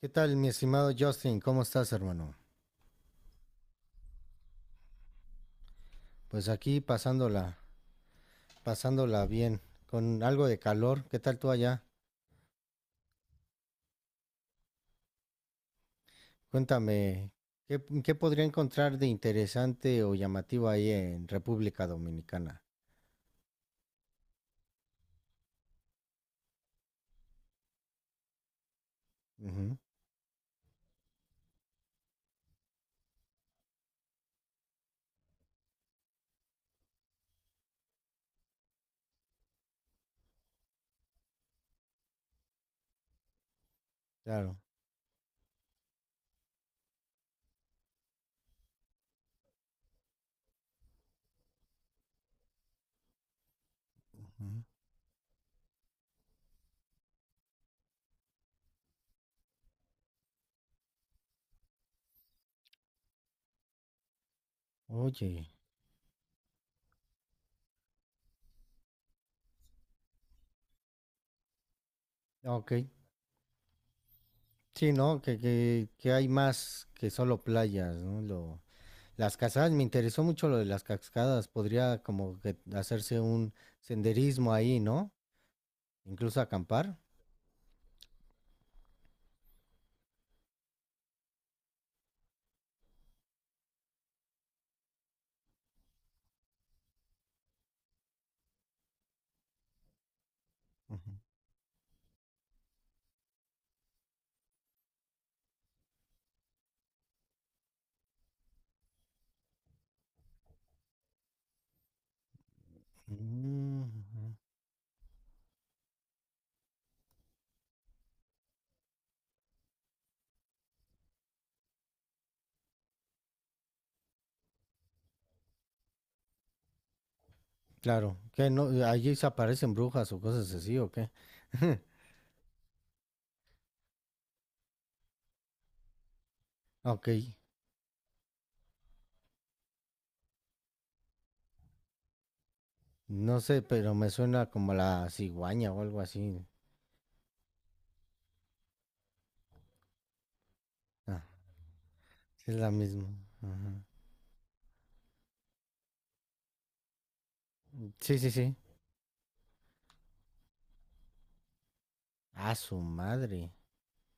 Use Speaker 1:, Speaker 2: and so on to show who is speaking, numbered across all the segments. Speaker 1: ¿Qué tal, mi estimado Justin? ¿Cómo estás, hermano? Pues aquí pasándola, pasándola bien, con algo de calor. ¿Qué tal tú allá? Cuéntame, ¿qué podría encontrar de interesante o llamativo ahí en República Dominicana? Ujú, claro. Ujú. Oye, ok. Sí, ¿no? Que hay más que solo playas, ¿no? Las cascadas, me interesó mucho lo de las cascadas. Podría como que hacerse un senderismo ahí, ¿no? Incluso acampar. Mm, claro, que no, allí se aparecen brujas o cosas así, ¿o qué? Ok, no sé, pero me suena como la cigüeña o algo así. Ah, es la misma. Ajá. Sí, sí, sí. A su madre.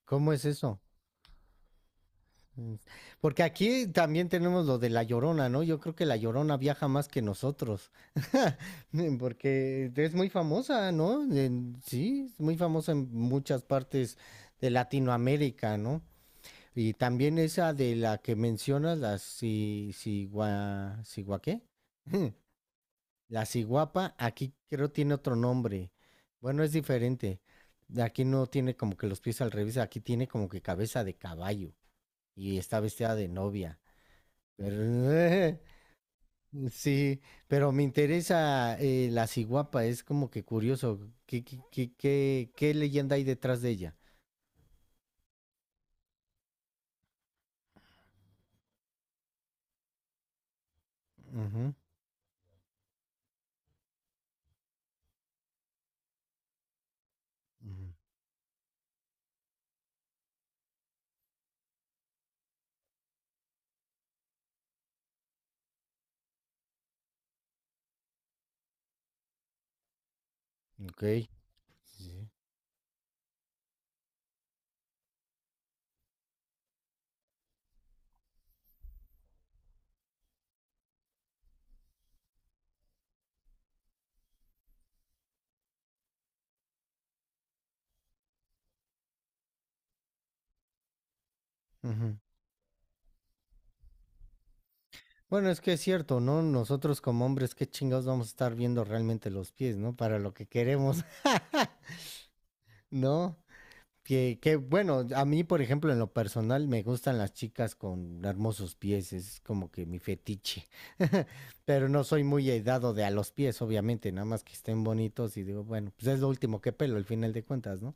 Speaker 1: ¿Cómo es eso? Mm. Porque aquí también tenemos lo de la Llorona, ¿no? Yo creo que la Llorona viaja más que nosotros. Mm. Porque es muy famosa, ¿no? Sí, es muy famosa en muchas partes de Latinoamérica, ¿no? Y también esa de la que mencionas, la si, sigua, sigua ¿qué? La ciguapa, aquí creo tiene otro nombre. Bueno, es diferente. Aquí no tiene como que los pies al revés, aquí tiene como que cabeza de caballo y está vestida de novia. Pero, sí, pero me interesa la ciguapa, es como que curioso. ¿Qué leyenda hay detrás de ella? Ujú, ujú. Ok. Sí. Bueno, es que es cierto, ¿no? Nosotros como hombres, qué chingados vamos a estar viendo realmente los pies, ¿no? Para lo que queremos, ¿no? Que bueno, a mí, por ejemplo, en lo personal me gustan las chicas con hermosos pies, es como que mi fetiche. Pero no soy muy dado de a los pies, obviamente, nada más que estén bonitos y digo, bueno, pues es lo último que pelo, al final de cuentas, ¿no?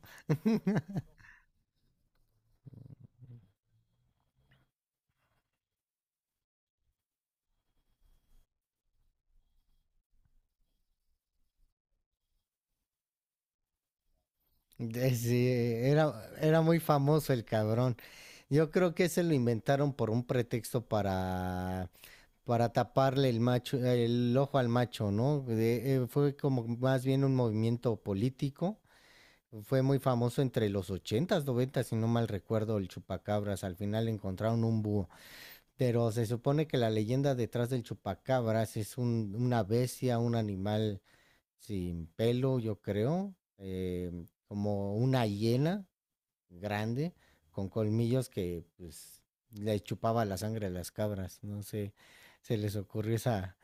Speaker 1: Sí, era muy famoso el cabrón. Yo creo que se lo inventaron por un pretexto para taparle el macho, el ojo al macho, ¿no? Fue como más bien un movimiento político. Fue muy famoso entre los 80s, 90 si no mal recuerdo, el chupacabras. Al final encontraron un búho. Pero se supone que la leyenda detrás del chupacabras es una bestia, un animal sin pelo, yo creo, como una hiena grande con colmillos que pues le chupaba la sangre a las cabras. No sé, se les ocurrió esa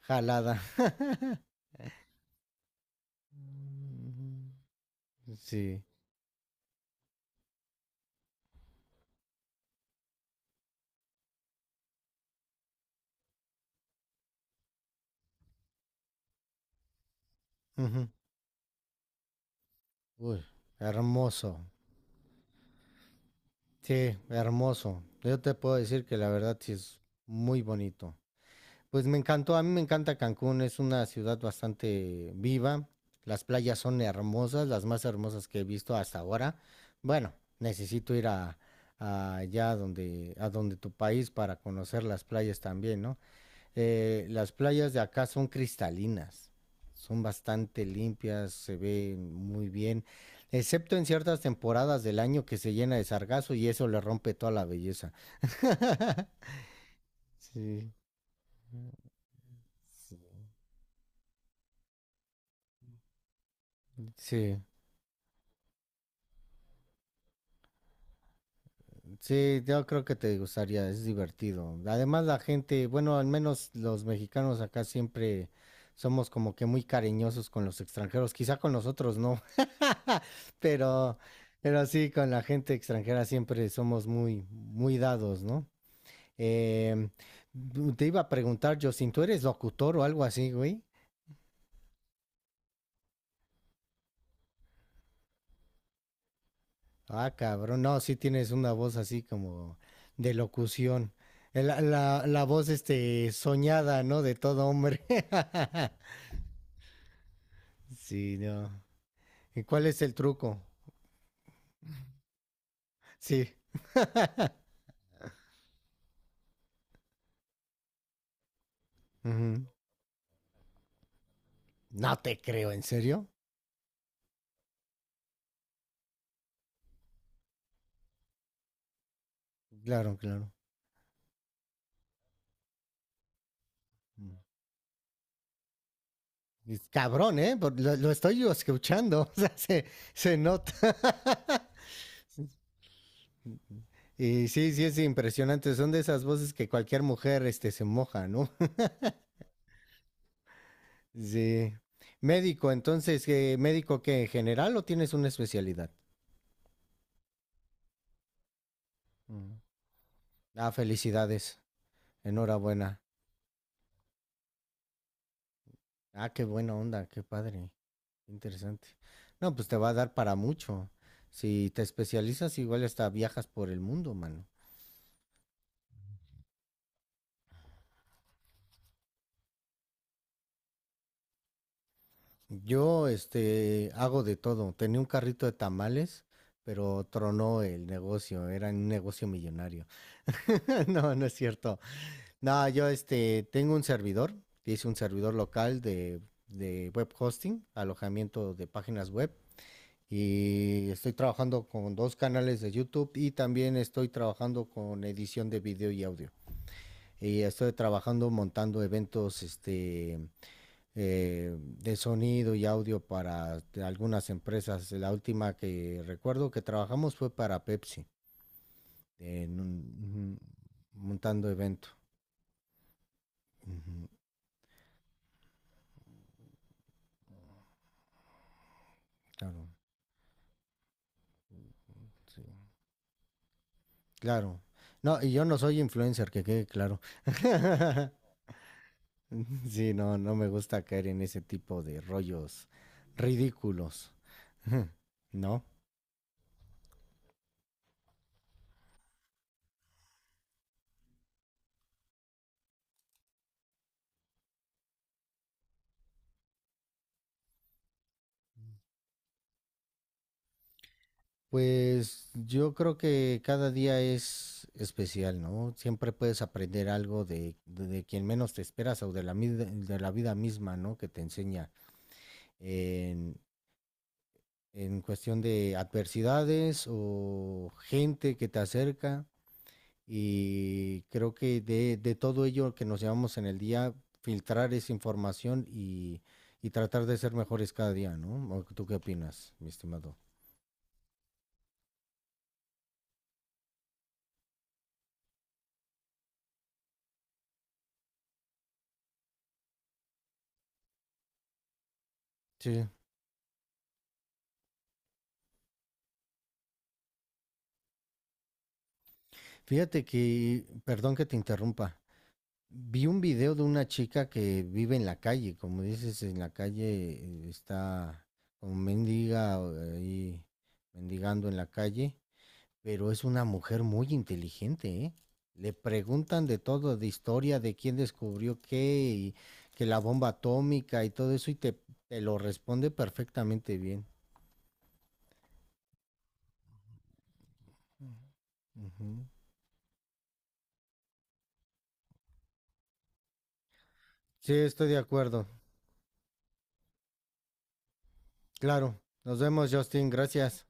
Speaker 1: jalada. Sí. Ujú. Uy, hermoso. Sí, hermoso. Yo te puedo decir que la verdad sí es muy bonito. Pues me encantó, a mí me encanta Cancún, es una ciudad bastante viva. Las playas son hermosas, las más hermosas que he visto hasta ahora. Bueno, necesito a allá a donde tu país para conocer las playas también, ¿no? Las playas de acá son cristalinas, son bastante limpias, se ven muy bien, excepto en ciertas temporadas del año que se llena de sargazo y eso le rompe toda la belleza. Sí, sí. Sí, yo creo que te gustaría, es divertido. Además, la gente, bueno, al menos los mexicanos acá siempre somos como que muy cariñosos con los extranjeros, quizá con nosotros no, pero, pero sí, con la gente extranjera siempre somos muy, muy dados, ¿no? Em, Te iba a preguntar, Justin, ¿tú eres locutor o algo así, güey? Ah, cabrón, no, sí tienes una voz así como de locución. La voz este soñada, ¿no? De todo hombre. Sí, no. ¿Y cuál es el truco? Sí. Ujú. No te creo, ¿en serio? Claro, claro. Mm. Y cabrón, ¿eh? Lo estoy yo escuchando, o sea, se nota. Y sí, sí, es impresionante. Son de esas voces que cualquier mujer este, se moja, ¿no? Sí. Médico, entonces, ¿médico qué? ¿General o tienes una especialidad? Mm. Ah, felicidades. Enhorabuena. Ah, qué buena onda, qué padre. Interesante. No, pues te va a dar para mucho. Si te especializas, igual hasta viajas por el mundo, mano. Yo, este, hago de todo. Tenía un carrito de tamales, pero tronó el negocio. Era un negocio millonario. No, no es cierto. No, yo este, tengo un servidor, hice un servidor local de web hosting, alojamiento de páginas web. Y estoy trabajando con dos canales de YouTube y también estoy trabajando con edición de video y audio. Y estoy trabajando montando eventos este, de sonido y audio para algunas empresas. La última que recuerdo que trabajamos fue para Pepsi, en ujú, montando evento. Ujú, claro, sí. Claro. No, y yo no soy influencer, que quede claro. Sí, no, no me gusta caer en ese tipo de rollos ridículos. No. Pues yo creo que cada día es especial, ¿no? Siempre puedes aprender algo de quien menos te esperas o de de la vida misma, ¿no? Que te enseña en, en cuestión de adversidades o gente que te acerca. Y creo que de todo ello que nos llevamos en el día, filtrar esa información y tratar de ser mejores cada día, ¿no? ¿O ¿tú qué opinas, mi estimado? Sí. Fíjate que, perdón que te interrumpa, vi un video de una chica que vive en la calle, como dices, en la calle, está como mendiga, ahí mendigando en la calle. Pero es una mujer muy inteligente, ¿eh? Le preguntan de todo, de historia, de quién descubrió qué, y que la bomba atómica y todo eso, te lo responde perfectamente bien. Ujú. Sí, estoy de acuerdo. Claro. Nos vemos, Justin. Gracias.